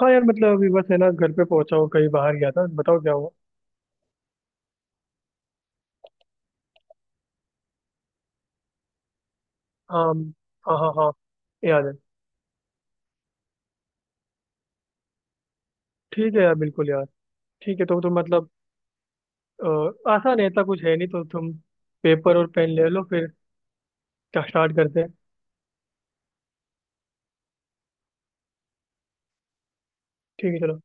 हाँ यार, मतलब अभी बस है ना, घर पे पहुंचा हूँ। कहीं बाहर गया था। बताओ क्या हुआ। हाँ हाँ हाँ। हाँ, याद है। ठीक है यार, बिल्कुल यार। ठीक है, तो तुम मतलब आसान है, इतना कुछ है नहीं। तो तुम पेपर और पेन ले लो फिर। स्टार्ट करते हैं। ठीक है, चलो।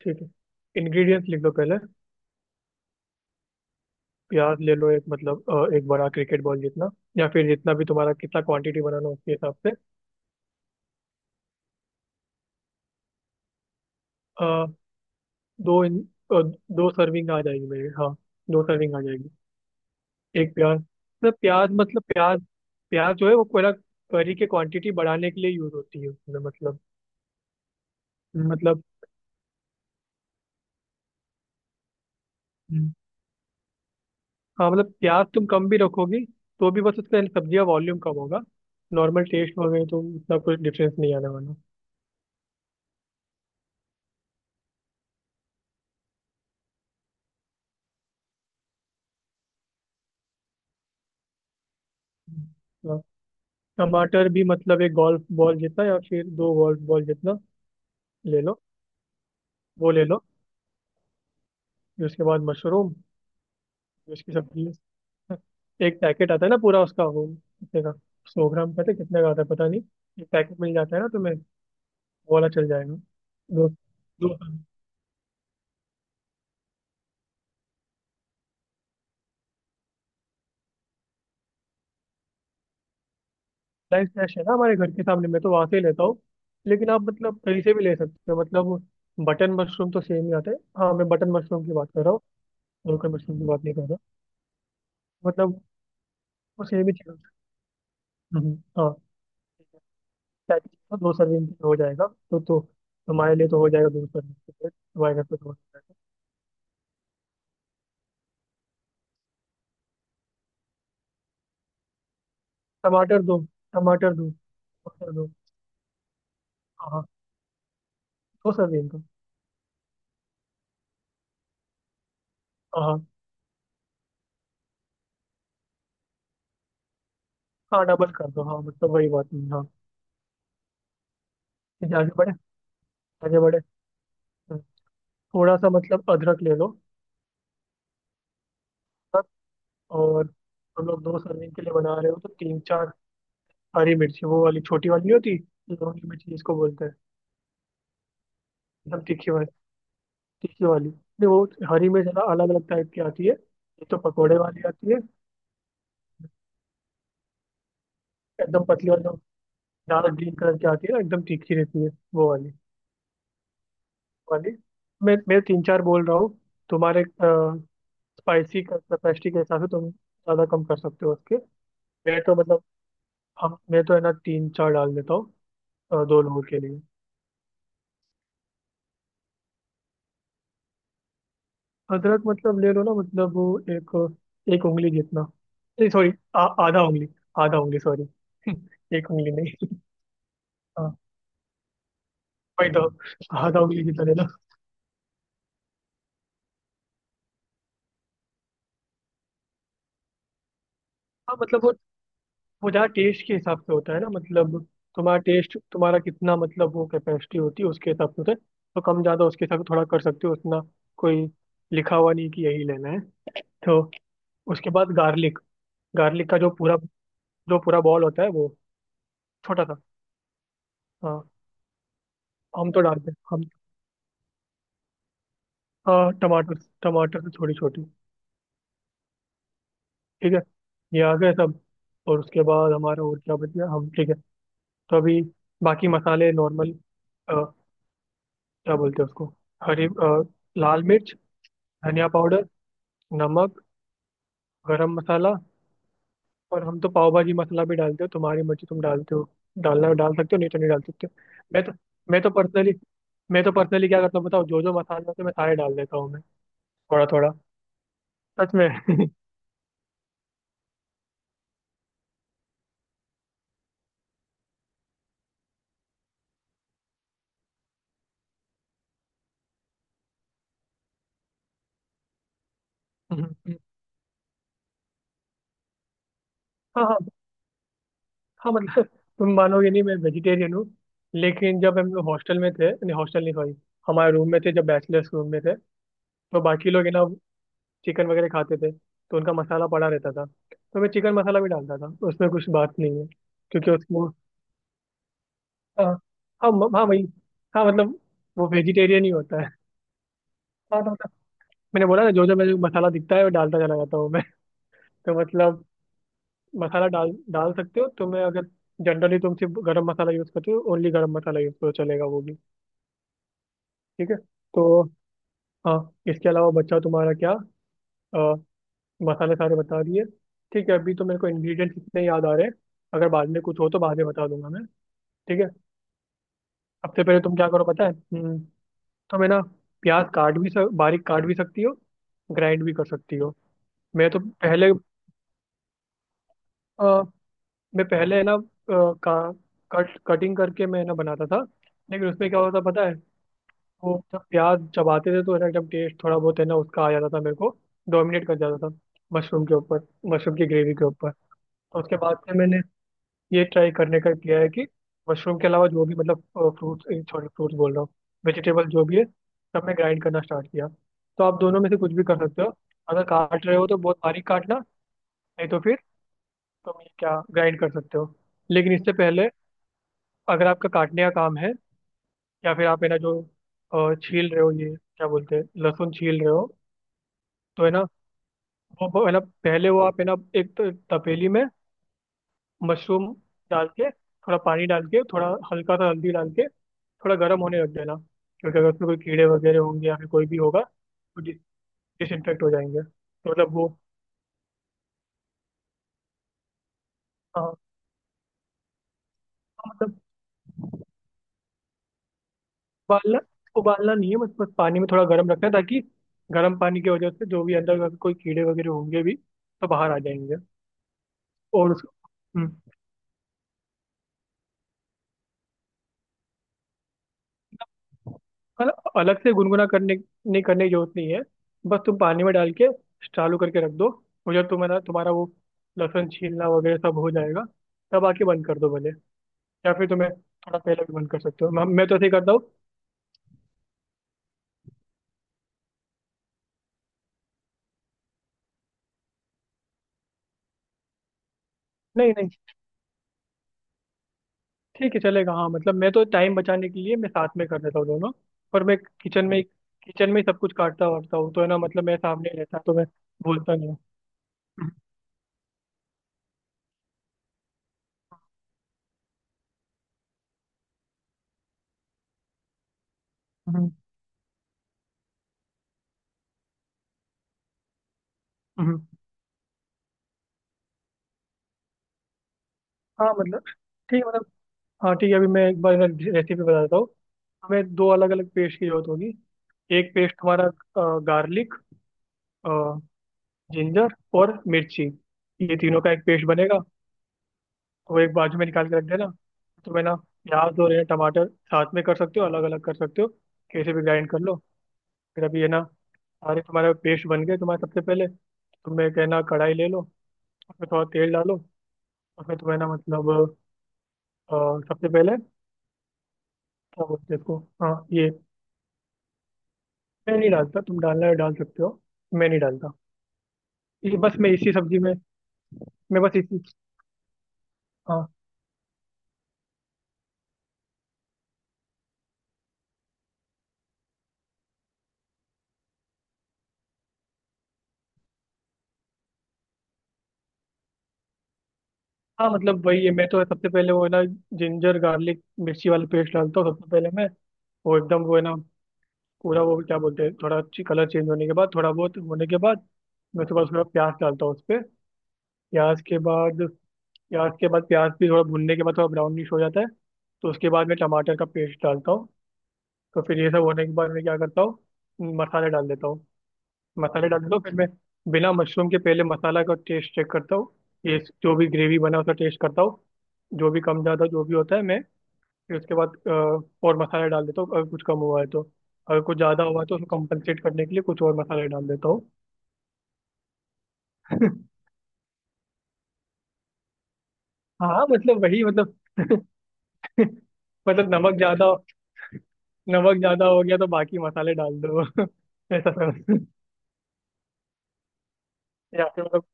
ठीक है। इंग्रेडिएंट्स लिख लो पहले। प्याज ले लो एक, मतलब एक बड़ा क्रिकेट बॉल जितना, या फिर जितना भी तुम्हारा कितना क्वांटिटी बनाना हो उसके हिसाब से। अ, दो इन, अ, दो सर्विंग आ जाएगी मेरे, हाँ। दो सर्विंग आ जाएगी। एक प्याज। ना प्याज मतलब प्याज, प्याज जो है वो पूरा करी के क्वांटिटी बढ़ाने के लिए यूज होती है उसमें, मतलब। मतलब, हम्म। हाँ मतलब प्याज तुम कम भी रखोगी तो भी बस उसका सब्जी का वॉल्यूम कम होगा। नॉर्मल टेस्ट हो गए तो उतना कुछ डिफरेंस नहीं आने वाला। हम्म। हाँ, टमाटर भी मतलब एक गोल्फ बॉल जितना, या फिर दो गोल्फ बॉल जितना, ले लो। वो ले लो। फिर उसके बाद मशरूम। फिर उसकी सब्जी। एक पैकेट आता है ना पूरा उसका, वो कितने का, सौ ग्राम का था, कितने का आता है पता नहीं। एक पैकेट मिल जाता है ना तुम्हें, वो वाला चल जाएगा। दो, दो सनराइज फ्रेश है ना हमारे घर के सामने, मैं तो वहां से ही लेता हूँ। लेकिन आप मतलब कहीं से भी ले सकते हो, मतलब बटन मशरूम तो सेम ही आता है। हाँ, मैं बटन मशरूम की बात कर रहा हूँ, और कोई मशरूम की बात नहीं कर रहा। मतलब वो सेम ही चीज़ होती है। हाँ, पैकेज तो दो सर्विंग के हो जाएगा, तो तुम्हारे लिए तो हो जाएगा दो सर्विंग के लिए, तुम्हारे घर पे तो हो जाएगा। टमाटर दो। टमाटर दो। टमाटर दो। हाँ हाँ, दो सर्विंग का। हाँ हाँ, हाँ डबल कर दो, हाँ मतलब वही बात नहीं, हाँ। ठीक है, आगे बढ़े, आगे बढ़े। थोड़ा सा मतलब अदरक ले लो। अदरक, और हम लोग दो सर्विंग के लिए बना रहे हो तो तीन चार हरी मिर्ची, वो वाली छोटी वाली नहीं होती, लौंगी मिर्ची जिसको बोलते हैं, एकदम तीखी वाली। तीखी वाली नहीं, वो हरी मिर्च अलग अलग टाइप की आती है, एक तो पकौड़े वाली आती है, एकदम पतली वाली जो डार्क ग्रीन कलर की आती है ना, एकदम तीखी रहती है, वो वाली, वाली। मैं तीन चार बोल रहा हूँ, तुम्हारे स्पाइसी कैपेसिटी के हिसाब से तुम ज़्यादा कम कर सकते हो उसके। मैं तो मतलब, हम मैं तो है ना तीन चार डाल देता हूँ, दो लोगों के लिए। अदरक मतलब ले लो ना, मतलब वो एक, एक उंगली जितना, नहीं सॉरी, आधा उंगली, आधा उंगली सॉरी, एक उंगली नहीं। हाँ वही तो, आधा उंगली जितना लेना। हाँ मतलब वो जहाँ टेस्ट के हिसाब से होता है ना, मतलब तुम्हारा टेस्ट, तुम्हारा कितना मतलब वो कैपेसिटी होती है उसके हिसाब से होता है, तो कम ज़्यादा उसके हिसाब से थोड़ा कर सकते हो उतना। कोई लिखा हुआ नहीं कि यही लेना है। तो उसके बाद गार्लिक, गार्लिक का जो पूरा, जो पूरा बॉल होता है वो, छोटा सा, हाँ। हम तो डालते हैं, हम हाँ टमाटर, टमाटर से छोटी छोटी। ठीक है, ये आ गए सब। और उसके बाद हमारा और क्या बच गया, हम ठीक है। तो अभी बाकी मसाले नॉर्मल, क्या बोलते हैं उसको, हरी अ, लाल मिर्च, धनिया पाउडर, नमक, गरम मसाला, और हम तो पाव भाजी मसाला भी डालते हो, तुम्हारी मर्जी तुम डालते हो, डालना डाल सकते हो, नहीं तो नहीं डाल सकते हो। मैं तो, मैं तो पर्सनली मैं तो पर्सनली क्या करता हूँ बताओ, जो जो मसाले होते हैं मैं सारे डाल देता हूँ मैं, थोड़ा थोड़ा। सच में। हाँ हाँ, हाँ मतलब तुम मानोगे नहीं, मैं वेजिटेरियन हूँ, लेकिन जब हम लोग हॉस्टल में थे, नहीं हॉस्टल नहीं सॉरी, हमारे रूम में थे, जब बैचलर्स रूम में थे, तो बाकी लोग है ना चिकन वगैरह खाते थे, तो उनका मसाला पड़ा रहता था। तो मैं चिकन मसाला भी डालता था उसमें, कुछ बात नहीं है क्योंकि उसको, हाँ। हाँ म- हाँ वही, हाँ मतलब वो वेजिटेरियन ही होता है। हाँ, तो मतलब मैंने बोला ना जो जो मेरे को मसाला दिखता है वो डालता चला जाता हूँ मैं। तो मतलब मसाला डाल डाल सकते हो, तो मैं अगर, जनरली तुम सिर्फ गरम मसाला यूज़ करते हो, ओनली गरम मसाला यूज़ करो चलेगा वो भी। ठीक है। तो हाँ, इसके अलावा बच्चा तुम्हारा क्या, अ, मसाले सारे बता दिए। ठीक है, अभी तो मेरे को इंग्रेडिएंट्स इतने याद आ रहे हैं, अगर बाद में कुछ हो तो बाद में बता दूंगा मैं। ठीक है। सबसे पहले तुम क्या करो पता है, तुम है ना प्याज काट भी बारीक काट भी सकती हो, ग्राइंड भी कर सकती हो। मैं तो पहले, अ, मैं पहले है ना का कट कटिंग करके मैं ना बनाता था, लेकिन उसमें क्या होता पता है, वो जब प्याज चबाते थे तो है ना एकदम टेस्ट थोड़ा बहुत है ना उसका आ जाता था मेरे को, डोमिनेट कर जाता था मशरूम के ऊपर, मशरूम की ग्रेवी के ऊपर। तो उसके बाद से मैंने ये ट्राई करने का किया है कि मशरूम के अलावा जो भी, मतलब फ्रूट्स, सॉरी फ्रूट्स बोल रहा हूँ, वेजिटेबल जो भी है सब मैं ग्राइंड करना स्टार्ट किया। तो आप दोनों में से कुछ भी कर सकते हो, अगर काट रहे हो तो बहुत बारीक काटना, नहीं तो फिर तुम ये क्या ग्राइंड कर सकते हो। लेकिन इससे पहले, अगर आपका काटने का काम है, या फिर आप है ना जो छील रहे हो, ये क्या बोलते हैं, लहसुन छील रहे हो, तो है ना वो है ना पहले वो, आप है ना एक तपेली में मशरूम डाल के, थोड़ा पानी डाल के, थोड़ा हल्का सा हल्दी डाल के, थोड़ा गर्म होने रख देना। क्योंकि अगर उसमें कोई कीड़े वगैरह होंगे, या फिर कोई भी होगा, तो डिसइन्फेक्ट हो जाएंगे, तो मतलब वो, हाँ हाँ, मतलब उबालना, उबालना नहीं है, बस बस पानी में थोड़ा गर्म रखना है, ताकि गर्म पानी की वजह से जो भी अंदर का कोई कीड़े वगैरह होंगे भी तो बाहर आ जाएंगे। और उस, हम्म, मतलब अलग से गुनगुना करने नहीं करने की जरूरत नहीं है, बस तुम पानी में डाल के चालू करके रख दो, उधर तुम्हारा तुम्हारा वो लहसुन छीलना वगैरह सब हो जाएगा, तब आके बंद कर दो भले, या फिर तुम्हें थोड़ा पहले भी बंद कर सकते हो, मैं तो ऐसे ही करता हूँ। नहीं नहीं, ठीक है चलेगा, हाँ मतलब मैं तो टाइम बचाने के लिए मैं साथ में कर देता हूँ दोनों, पर मैं किचन में ही सब कुछ काटता वाटता हूँ, तो है ना मतलब मेरे सामने ही रहता है, तो मैं भूलता नहीं हूँ। हम्म। हम्म, हम्म। हाँ मतलब ठीक है, मतलब हाँ ठीक है, अभी मैं एक बार रेसिपी बता देता हूँ। हमें दो अलग अलग पेस्ट की जरूरत होगी। एक पेस्ट हमारा गार्लिक, जिंजर और मिर्ची, ये तीनों का एक पेस्ट बनेगा, तो वो एक बाजू में निकाल के रख देना। तो मैं ना प्याज और ये टमाटर, साथ में कर सकते हो, अलग अलग कर सकते हो, कैसे भी ग्राइंड कर लो। फिर अभी ये ना, सारे तुम्हारे पेस्ट बन गए तुम्हारे, सबसे पहले तुम्हें कहना कढ़ाई ले लो, उसमें थोड़ा तेल डालो, उसमें तुम्हें ना मतलब अ, सबसे पहले, क्या बोलते हैं इसको, हाँ ये, मैं नहीं डालता, तुम डालना है डाल सकते हो, मैं नहीं डालता, ये बस मैं इसी सब्जी में, मैं बस इसी, हाँ। हाँ मतलब वही है, मैं तो सबसे पहले वो है ना जिंजर गार्लिक मिर्ची वाला पेस्ट डालता हूँ सबसे पहले मैं। वो एकदम वो है ना पूरा वो क्या बोलते हैं, थोड़ा अच्छी कलर चेंज होने के बाद, थोड़ा बहुत होने के बाद, मैं उसके बाद थोड़ा प्याज डालता हूँ उस पर। प्याज के बाद प्याज के बाद प्याज भी थोड़ा भुनने के बाद थोड़ा ब्राउनिश हो जाता है, तो उसके बाद मैं टमाटर का पेस्ट डालता हूँ। तो फिर ये सब होने के बाद मैं क्या करता हूँ, मसाले डाल देता हूँ। मसाले डाल दो, फिर मैं बिना मशरूम के पहले मसाला का टेस्ट चेक करता हूँ, ये जो भी ग्रेवी बना उसका टेस्ट करता हूँ, जो भी कम ज़्यादा जो भी होता है मैं, फिर उसके बाद और मसाले डाल देता हूँ अगर कुछ कम हुआ है तो, अगर कुछ ज़्यादा हुआ है तो उसको कंपनसेट करने के लिए कुछ और मसाले डाल देता हूँ। हाँ मतलब वही मतलब, मतलब नमक ज़्यादा, नमक ज़्यादा हो गया तो बाकी मसाले डाल दो। ऐसा समझ, या फिर मतलब,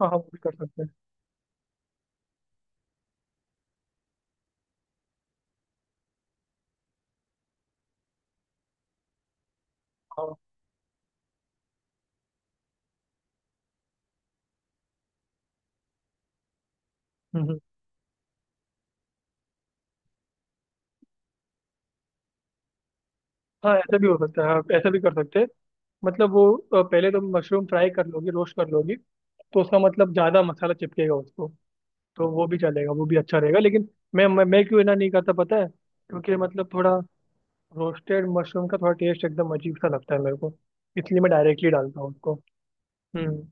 हाँ हाँ वो भी कर सकते हैं। हाँ, हम्म, हम्म। हाँ ऐसा भी हो सकता है, हाँ ऐसा भी कर सकते हैं, मतलब वो पहले तुम मशरूम फ्राई कर लोगी, रोस्ट कर लोगी, तो उसका मतलब ज़्यादा मसाला चिपकेगा उसको, तो वो भी चलेगा, वो भी अच्छा रहेगा। लेकिन मैं क्यों ना नहीं करता पता है, क्योंकि मतलब थोड़ा रोस्टेड मशरूम का थोड़ा टेस्ट एकदम अजीब सा लगता है मेरे को, इसलिए मैं डायरेक्टली डालता हूँ उसको। हम्म।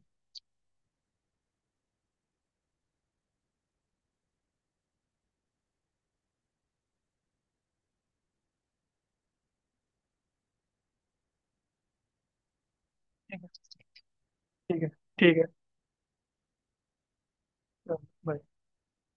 ठीक है, ठीक है, ठीक है, चलो, bye।